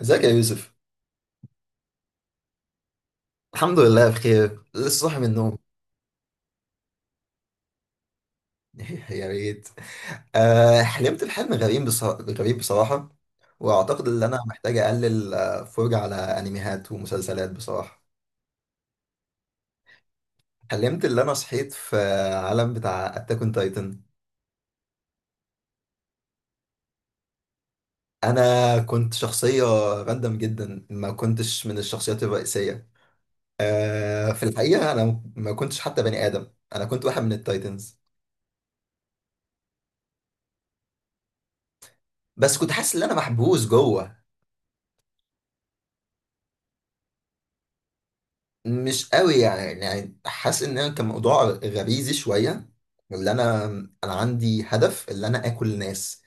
ازيك يا يوسف. الحمد لله بخير، لسه صاحي من النوم. يا ريت. حلمت بحلم غريب بصراحة، غريب بصراحة. واعتقد ان انا محتاج اقلل فرجة على انميات ومسلسلات بصراحة. حلمت ان انا صحيت في عالم بتاع اتاك اون تايتن. انا كنت شخصية راندم جدا، ما كنتش من الشخصيات الرئيسية. في الحقيقة انا ما كنتش حتى بني ادم، انا كنت واحد من التايتنز. بس كنت حاسس ان انا محبوس جوه. مش قوي يعني حاسس ان انا كان موضوع غريزي شويه. اللي انا انا عندي هدف، اللي انا اكل ناس.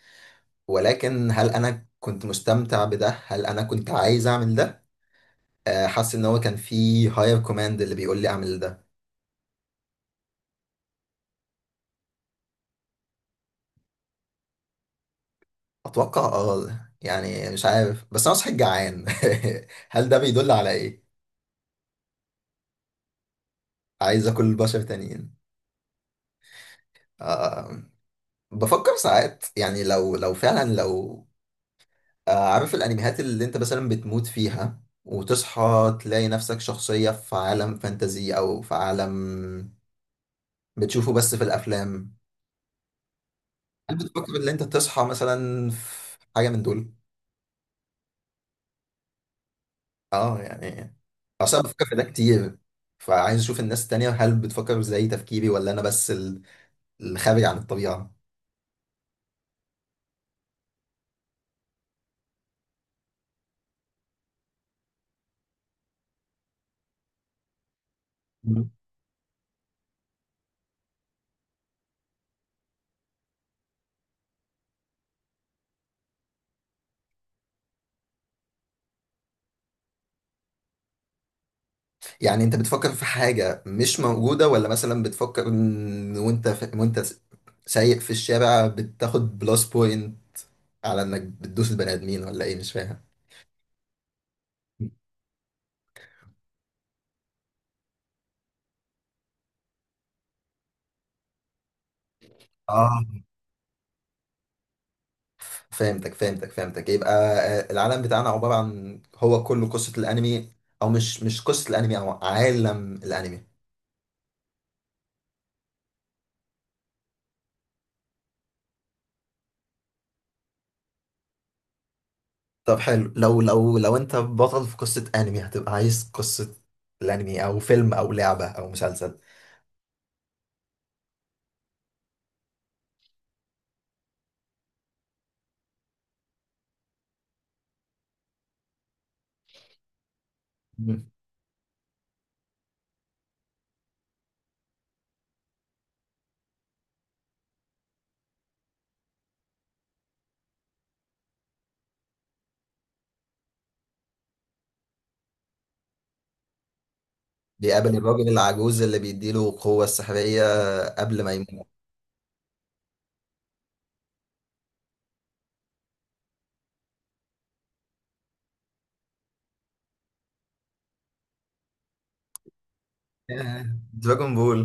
ولكن هل انا كنت مستمتع بده؟ هل انا كنت عايز اعمل ده؟ حاسس ان هو كان في هاير كوماند اللي بيقول لي اعمل ده. اتوقع، يعني مش عارف، بس انا صحيح جعان. هل ده بيدل على ايه؟ عايز اكل بشر تانيين. آه، بفكر ساعات يعني، لو فعلا لو... عارف الانميات اللي انت مثلا بتموت فيها وتصحى تلاقي نفسك شخصية في عالم فانتزي او في عالم بتشوفه بس في الافلام. هل بتفكر ان انت تصحى مثلا في حاجة من دول؟ اه، يعني اصلا بفكر في ده كتير، فعايز اشوف الناس التانية، هل بتفكر زي تفكيري ولا انا بس الخارج عن الطبيعة. مم. يعني انت بتفكر في حاجة مش موجودة، ولا مثلا بتفكر إن وانت وانت سايق في الشارع بتاخد بلس بوينت على انك بتدوس البني ادمين؟ ولا ايه؟ مش فاهم. اه، فهمتك، فهمتك، فهمتك، يبقى العالم بتاعنا عبارة عن هو كله قصة الأنمي. أو مش قصة الأنمي، أو عالم الأنمي. طب حلو، لو أنت بطل في قصة أنمي، هتبقى عايز قصة الأنمي أو فيلم أو لعبة أو مسلسل؟ مم. بيقابل الراجل العجوز اللي بيديله القوة السحرية قبل ما يموت. آه، دراجون بول.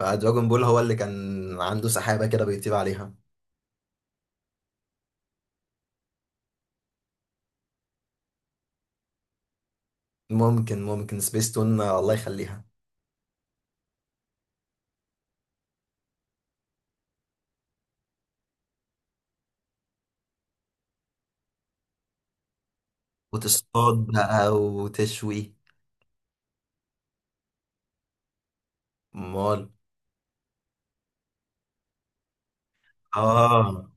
فدراجون بول هو اللي كان عنده سحابة كده بيطير عليها. ممكن سبيس تون، الله يخليها. وتصطاد بقى وتشوي. امال؟ اه،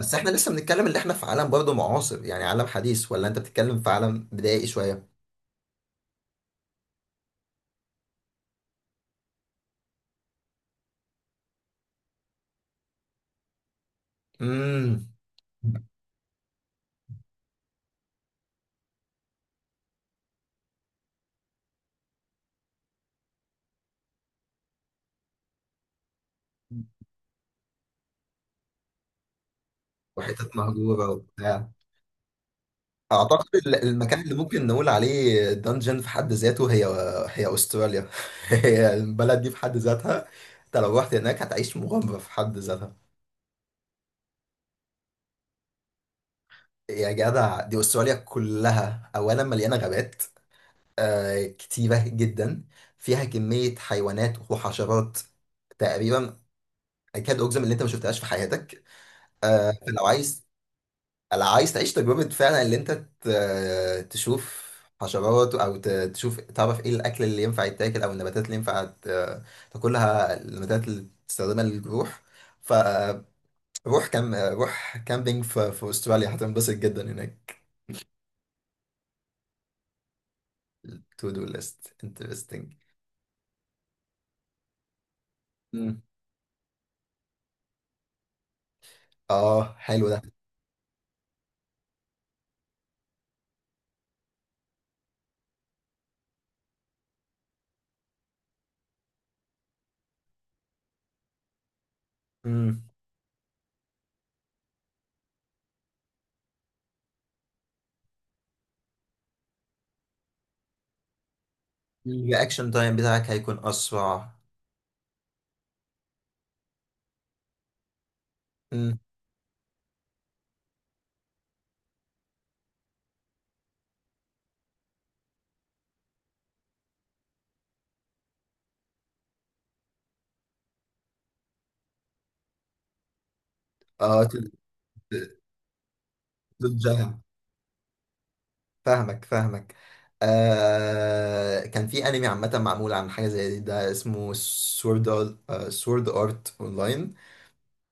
بس احنا لسه بنتكلم اللي احنا في عالم برضه معاصر، يعني عالم حديث، ولا انت بتتكلم في عالم بدائي شويه؟ امم. وحتت مهجوره وبتاع. اعتقد المكان اللي ممكن نقول عليه دنجن في حد ذاته، هي استراليا. هي البلد دي في حد ذاتها. انت لو رحت هناك هتعيش مغامره في حد ذاتها. يا جدع، دي استراليا كلها اولا مليانه غابات، كتيرة جدا. فيها كمية حيوانات وحشرات تقريبا أكاد أجزم إن أنت ما شفتهاش في حياتك. فلو عايز، لو عايز تعيش تجربة فعلا إن أنت تشوف حشرات، أو تشوف، تعرف إيه الأكل اللي ينفع يتاكل أو النباتات اللي ينفع تاكلها، النباتات اللي تستخدمها للجروح. فروح، كام روح كامبينج في أستراليا، هتنبسط جدا هناك. to do list interesting. مم. اه حلو. ده الرياكشن تايم بتاعك هيكون اسرع. مم. اه، ت- تتجاهل. فاهمك، فاهمك. كان في انمي عامه معمول عن حاجه زي دي، ده اسمه سورد، سورد ارت اونلاين.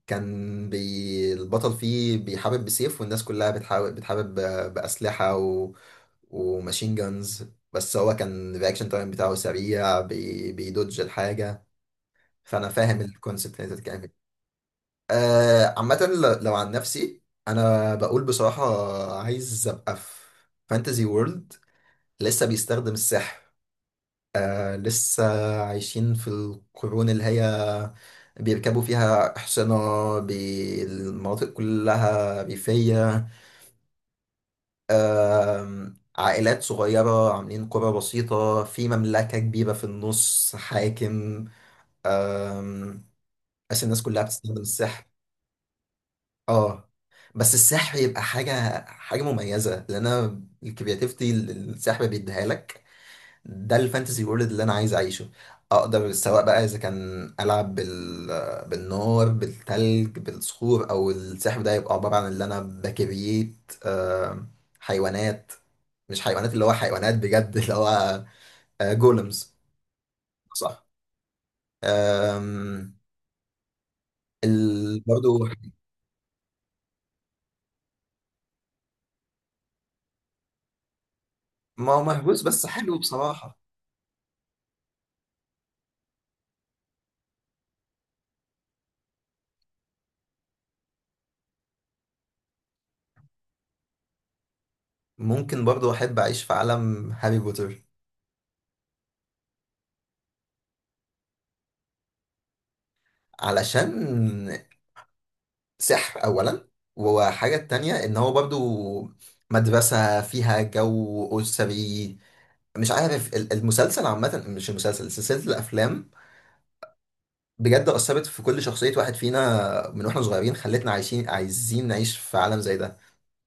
كان البطل فيه بيحارب بسيف، والناس كلها بتحارب باسلحه و... وماشين جانز. بس هو كان الرياكشن تايم بتاعه سريع، بيدوج الحاجه. فانا فاهم الكونسيبت اللي انت بتتكلم. عامة، لو عن نفسي، أنا بقول بصراحة عايز أبقى في فانتزي وورلد لسه بيستخدم السحر، لسه عايشين في القرون اللي هي بيركبوا فيها أحصنة، المناطق كلها ريفية، آه عائلات صغيرة عاملين قرى بسيطة في مملكة كبيرة في النص حاكم، آه بس الناس كلها بتستخدم السحر. اه، بس السحر يبقى حاجة مميزة، لأن أنا الكرياتيفيتي اللي السحر بيديها لك. ده الفانتسي وورلد اللي أنا عايز أعيشه. أقدر سواء بقى، إذا كان ألعب بالنار، بالتلج، بالصخور، أو السحر، ده يبقى عبارة عن اللي أنا بكريت آه، حيوانات. مش حيوانات، اللي هو حيوانات بجد، اللي هو جولمز. صح. آم، برضو. ما هو مهووس، بس حلو بصراحة. ممكن برضو احب اعيش في عالم هاري بوتر. علشان سحر اولا، وحاجة تانية ان هو برضو مدرسة فيها جو اسري. مش عارف، المسلسل عامة، مش المسلسل سلسلة الافلام بجد اثرت في كل شخصية واحد فينا من واحنا صغيرين، خلتنا عايزين نعيش في عالم زي ده.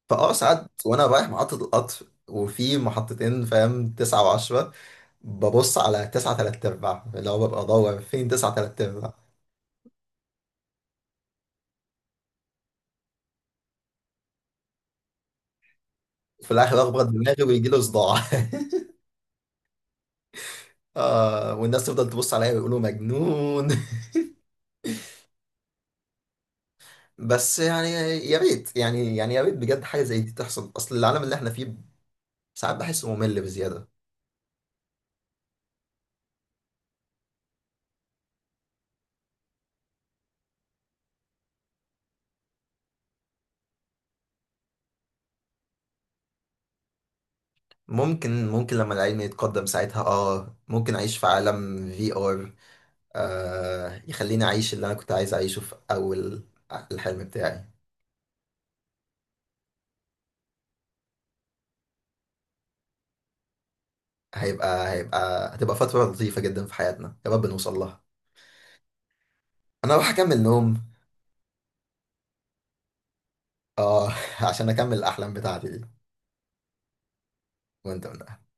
فاه ساعات وانا رايح محطة القطر وفي محطتين، فاهم، 9 و10، ببص على 9 و3/4، اللي هو ببقى أدور فين 9 و3/4. في الاخر اخبط دماغي ويجي له صداع. والناس تفضل تبص عليا ويقولوا مجنون. بس يعني يا ريت، يعني يا ريت بجد حاجه زي دي تحصل، اصل العالم اللي احنا فيه ساعات بحسه ممل بزياده. ممكن لما العلم يتقدم، ساعتها ممكن اعيش في عالم VR، يخليني اعيش اللي انا كنت عايز اعيشه في اول الحلم بتاعي. هيبقى هيبقى هتبقى فتره لطيفه جدا في حياتنا، يا رب نوصل لها. انا راح اكمل نوم. اه، عشان اكمل الاحلام بتاعتي دي. وانت من أهلك.